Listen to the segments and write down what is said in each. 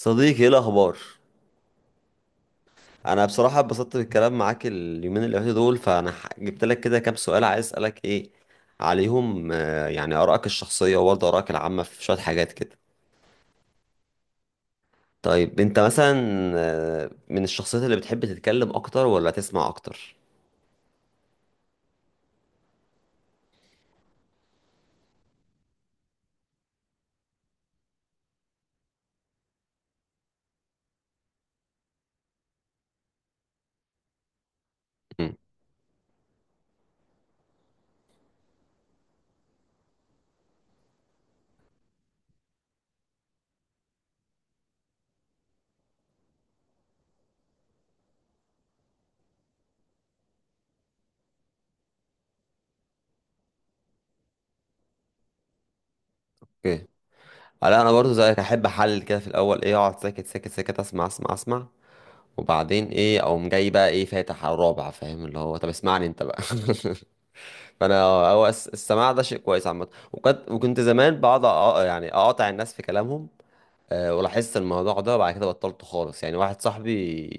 صديقي، ايه الاخبار؟ انا بصراحه اتبسطت بالكلام معاك اليومين اللي فاتوا دول، فانا جبت لك كده كام سؤال عايز اسالك ايه عليهم، يعني ارائك الشخصيه وبرضه ارائك العامه في شويه حاجات كده. طيب انت مثلا، من الشخصيات اللي بتحب تتكلم اكتر ولا تسمع اكتر؟ مم. اوكي. لا، انا برضه زيك احب احلل كده في الاول، ايه، اقعد ساكت ساكت ساكت اسمع اسمع اسمع، وبعدين ايه اقوم جاي بقى، ايه فاتح على الرابع، فاهم، اللي هو طب اسمعني انت بقى. فانا هو السماع ده شيء كويس عامه. وكنت زمان بقعد يعني اقاطع الناس في كلامهم، ولاحظت الموضوع ده وبعد كده بطلته خالص، يعني واحد صاحبي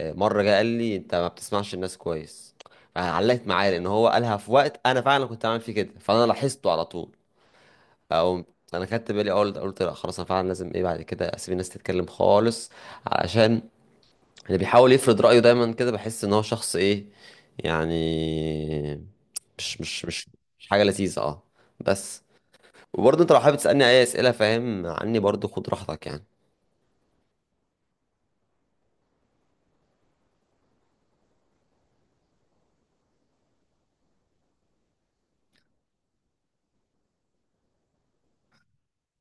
مره جه قال لي انت ما بتسمعش الناس كويس. علقت معايا لان هو قالها في وقت انا فعلا كنت عامل فيه كده، فانا لاحظته على طول. او. انا خدت بالي اول، قلت لا خلاص انا فعلا لازم، ايه، بعد كده اسيب الناس تتكلم خالص، علشان اللي بيحاول يفرض رأيه دايما كده بحس ان هو شخص، ايه يعني، مش مش مش مش حاجة لذيذة، اه. بس. وبرضه انت لو حابب تسألني اي اسئلة فاهم عني برضه خد راحتك يعني.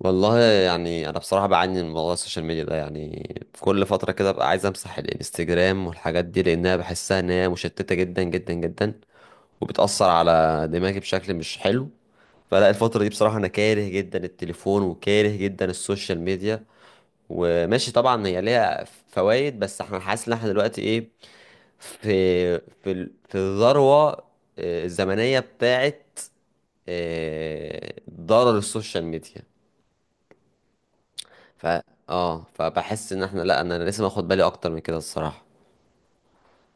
والله يعني انا بصراحة بعاني من موضوع السوشيال ميديا ده، يعني في كل فترة كده ببقى عايز امسح الانستجرام والحاجات دي، لانها بحسها ان هي مشتتة جدا جدا جدا، وبتأثر على دماغي بشكل مش حلو. فلا، الفترة دي بصراحة انا كاره جدا التليفون وكاره جدا السوشيال ميديا، وماشي طبعا هي ليها فوائد، بس احنا حاسس ان احنا دلوقتي ايه في في الذروة الزمنية بتاعت ضرر السوشيال ميديا. ف اه فبحس ان احنا، لا انا لسه ماخد بالي اكتر من كده الصراحة.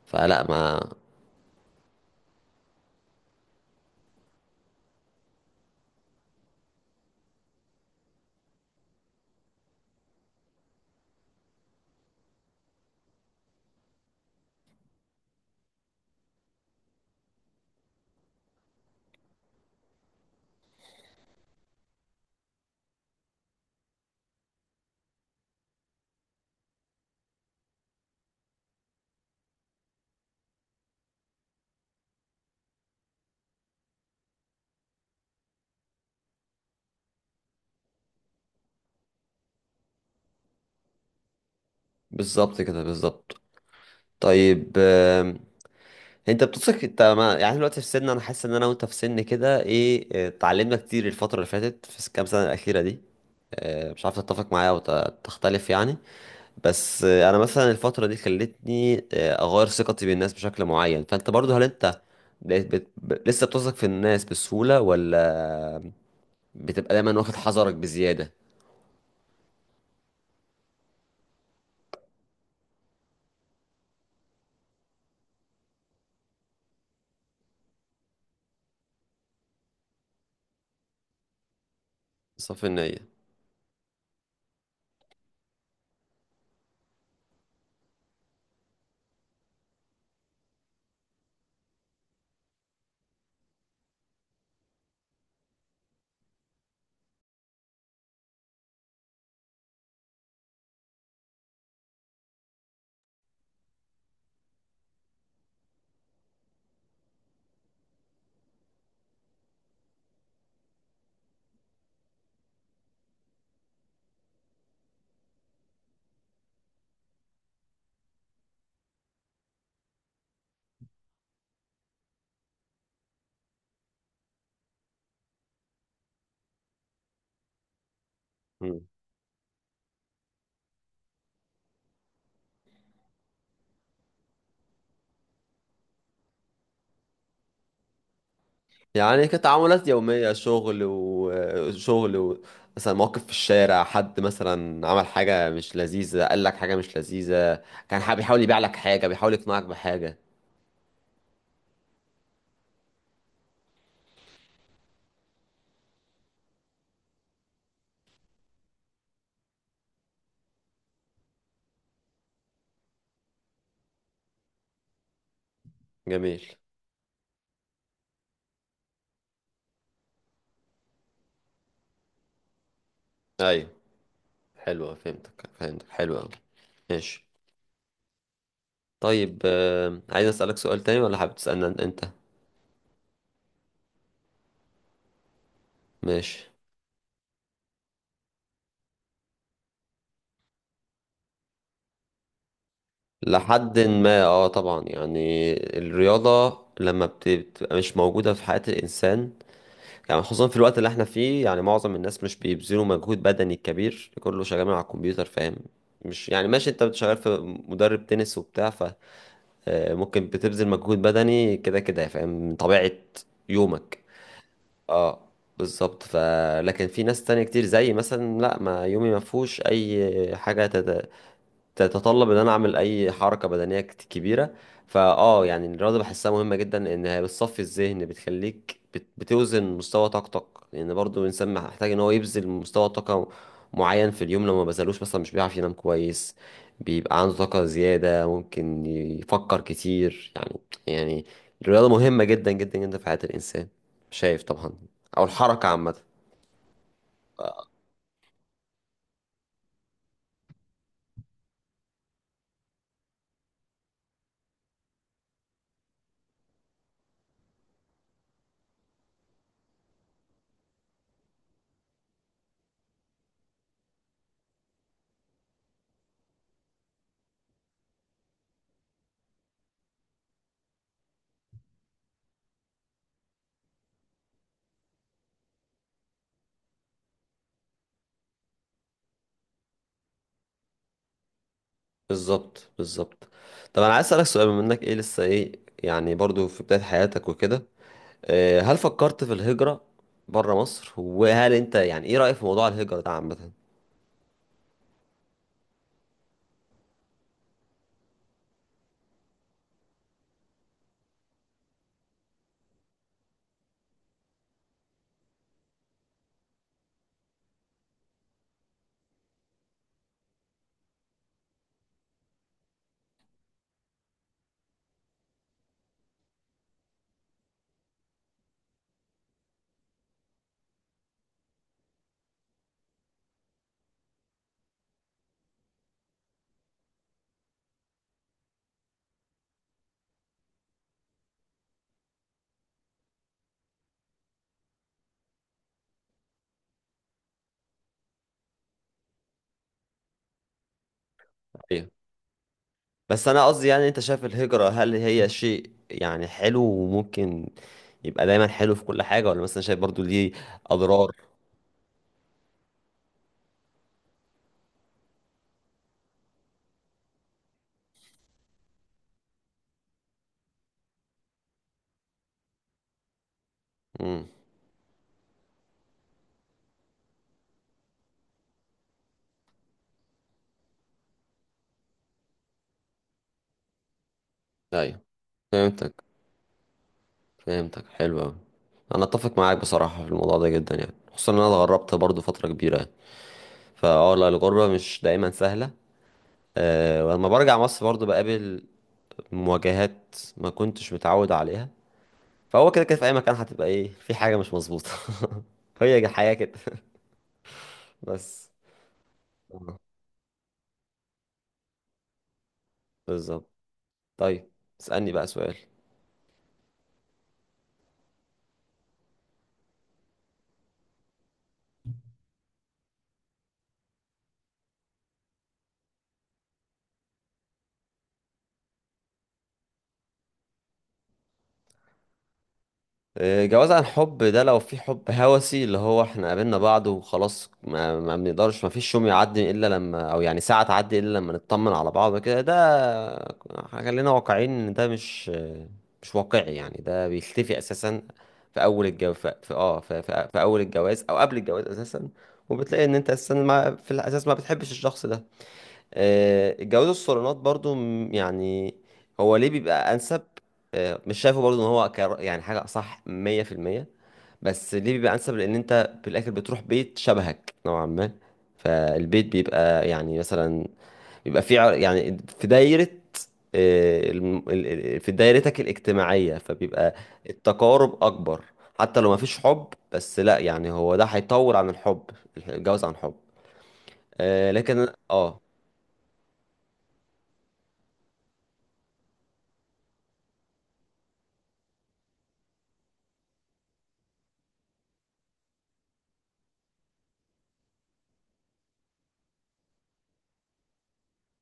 فلا ما. بالظبط كده بالظبط. طيب، انت بتثق، انت ما يعني دلوقتي في سن، انا حاسس ان انا وانت في سن كده، ايه، اتعلمنا كتير الفتره اللي فاتت في الكام سنه الاخيره دي، اه، مش عارف تتفق معايا او تختلف يعني. بس انا مثلا الفتره دي خلتني اغير ثقتي بالناس بشكل معين، فانت برضو هل انت بقيت لسه بتثق في الناس بسهوله، ولا بتبقى دايما واخد حذرك بزياده؟ صافي النيه. يعني كتعاملات يومية، شغل وشغل و... مثلا موقف في الشارع، حد مثلا عمل حاجة مش لذيذة، قال لك حاجة مش لذيذة، كان بيحاول يبيع لك حاجة، بيحاول يقنعك بحاجة. جميل. ايوه. حلوة، فهمتك فهمتك، حلوة أوي. ماشي. طيب، عايز أسألك سؤال تاني، ولا حابب تسألني أنت؟ ماشي. لحد ما طبعا يعني الرياضة لما بتبقى مش موجودة في حياة الإنسان، يعني خصوصا في الوقت اللي احنا فيه، يعني معظم الناس مش بيبذلوا مجهود بدني كبير، كله شغال على الكمبيوتر، فاهم، مش يعني ماشي، انت شغال في مدرب تنس وبتاع، فممكن بتبذل مجهود بدني كده كده، فاهم، من طبيعة يومك. اه. بالظبط. ف لكن في ناس تانية كتير، زي مثلا لا، ما يومي ما فيهوش اي حاجة تتطلب ان انا اعمل اي حركه بدنيه كبيره، يعني الرياضه بحسها مهمه جدا، ان هي بتصفي الذهن، بتخليك بتوزن مستوى طاقتك، لان برضو الانسان محتاج ان هو يبذل مستوى طاقه معين في اليوم، لو ما بذلوش مثلا مش بيعرف ينام كويس، بيبقى عنده طاقه زياده، ممكن يفكر كتير يعني. يعني الرياضه مهمه جدا جدا جدا في حياه الانسان، شايف طبعا، او الحركه عامه. بالظبط بالظبط. طب انا عايز اسالك سؤال، بما انك ايه لسه ايه يعني، برضو في بدايه حياتك وكده، هل فكرت في الهجره بره مصر، وهل انت يعني ايه رايك في موضوع الهجره ده عامه؟ ايوه. بس انا قصدي يعني، انت شايف الهجره هل هي شيء يعني حلو وممكن يبقى دايما حلو في كل حاجه، ولا مثلا شايف برضو ليه اضرار؟ امم. ايوه فهمتك فهمتك، حلو أوي. انا اتفق معاك بصراحه في الموضوع ده جدا، يعني خصوصا ان انا اتغربت برضو فتره كبيره يعني، لا الغربه مش دايما سهله. ولما برجع مصر برضو بقابل مواجهات ما كنتش متعود عليها. فهو كده كده في اي مكان هتبقى، ايه، في حاجة مش مظبوطة. هي الحياة كده. بس. بالظبط. طيب، اسألني بقى سؤال. إيه، جواز عن حب ده لو في حب هوسي اللي هو احنا قابلنا بعض وخلاص، ما بنقدرش، ما فيش يوم يعدي الا لما، او يعني ساعة تعدي الا لما نطمن على بعض كده، ده خلينا واقعيين ان ده مش واقعي يعني، ده بيختفي اساسا في اول الجواز، او قبل الجواز اساسا. وبتلاقي ان انت اساسا، ما في الاساس ما بتحبش الشخص ده. الجواز الصالونات برضو، يعني هو ليه بيبقى انسب، مش شايفه برضو ان هو يعني حاجه صح 100%، بس ليه بيبقى انسب لان انت في الاخر بتروح بيت شبهك نوعا ما، فالبيت بيبقى يعني مثلا بيبقى في يعني في دايره آه، الم- ال- في دايرتك الاجتماعيه، فبيبقى التقارب اكبر. حتى لو ما فيش حب، بس لا يعني هو ده هيطول عن الحب، الجواز عن حب، آه، لكن اه.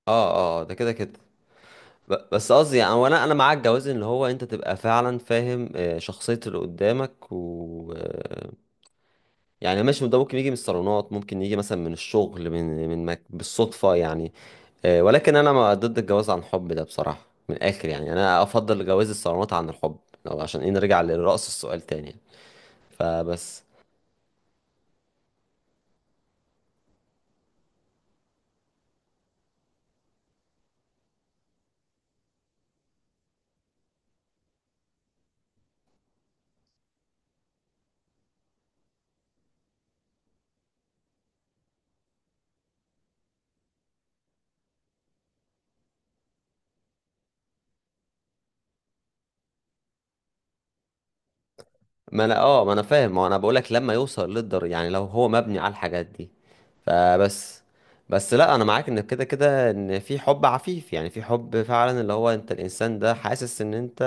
اه، اه، ده كده كده. بس قصدي يعني، وانا معاك، جواز ان هو انت تبقى فعلا فاهم شخصية اللي قدامك و يعني ماشي، ده ممكن يجي من الصالونات، ممكن يجي مثلا من الشغل، بالصدفة يعني. ولكن انا ما ضد الجواز عن حب ده بصراحة من الاخر يعني انا افضل جواز الصالونات عن الحب، لو عشان ايه نرجع لرأس السؤال تاني يعني. فبس. ما انا فاهم ما انا بقولك لما يوصل للدر، يعني لو هو مبني على الحاجات دي. فبس. بس لا انا معاك، ان كده كده ان في حب عفيف، يعني في حب فعلا اللي هو انت الانسان ده حاسس ان انت،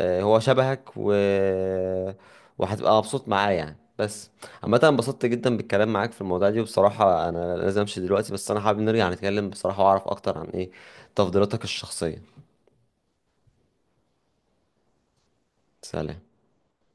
هو شبهك، و وهتبقى مبسوط معاه يعني، بس. عامة أنا انبسطت جدا بالكلام معاك في الموضوع دي، وبصراحة انا لازم امشي دلوقتي، بس انا حابب نرجع نتكلم بصراحة واعرف اكتر عن، ايه، تفضيلاتك الشخصية. سلام.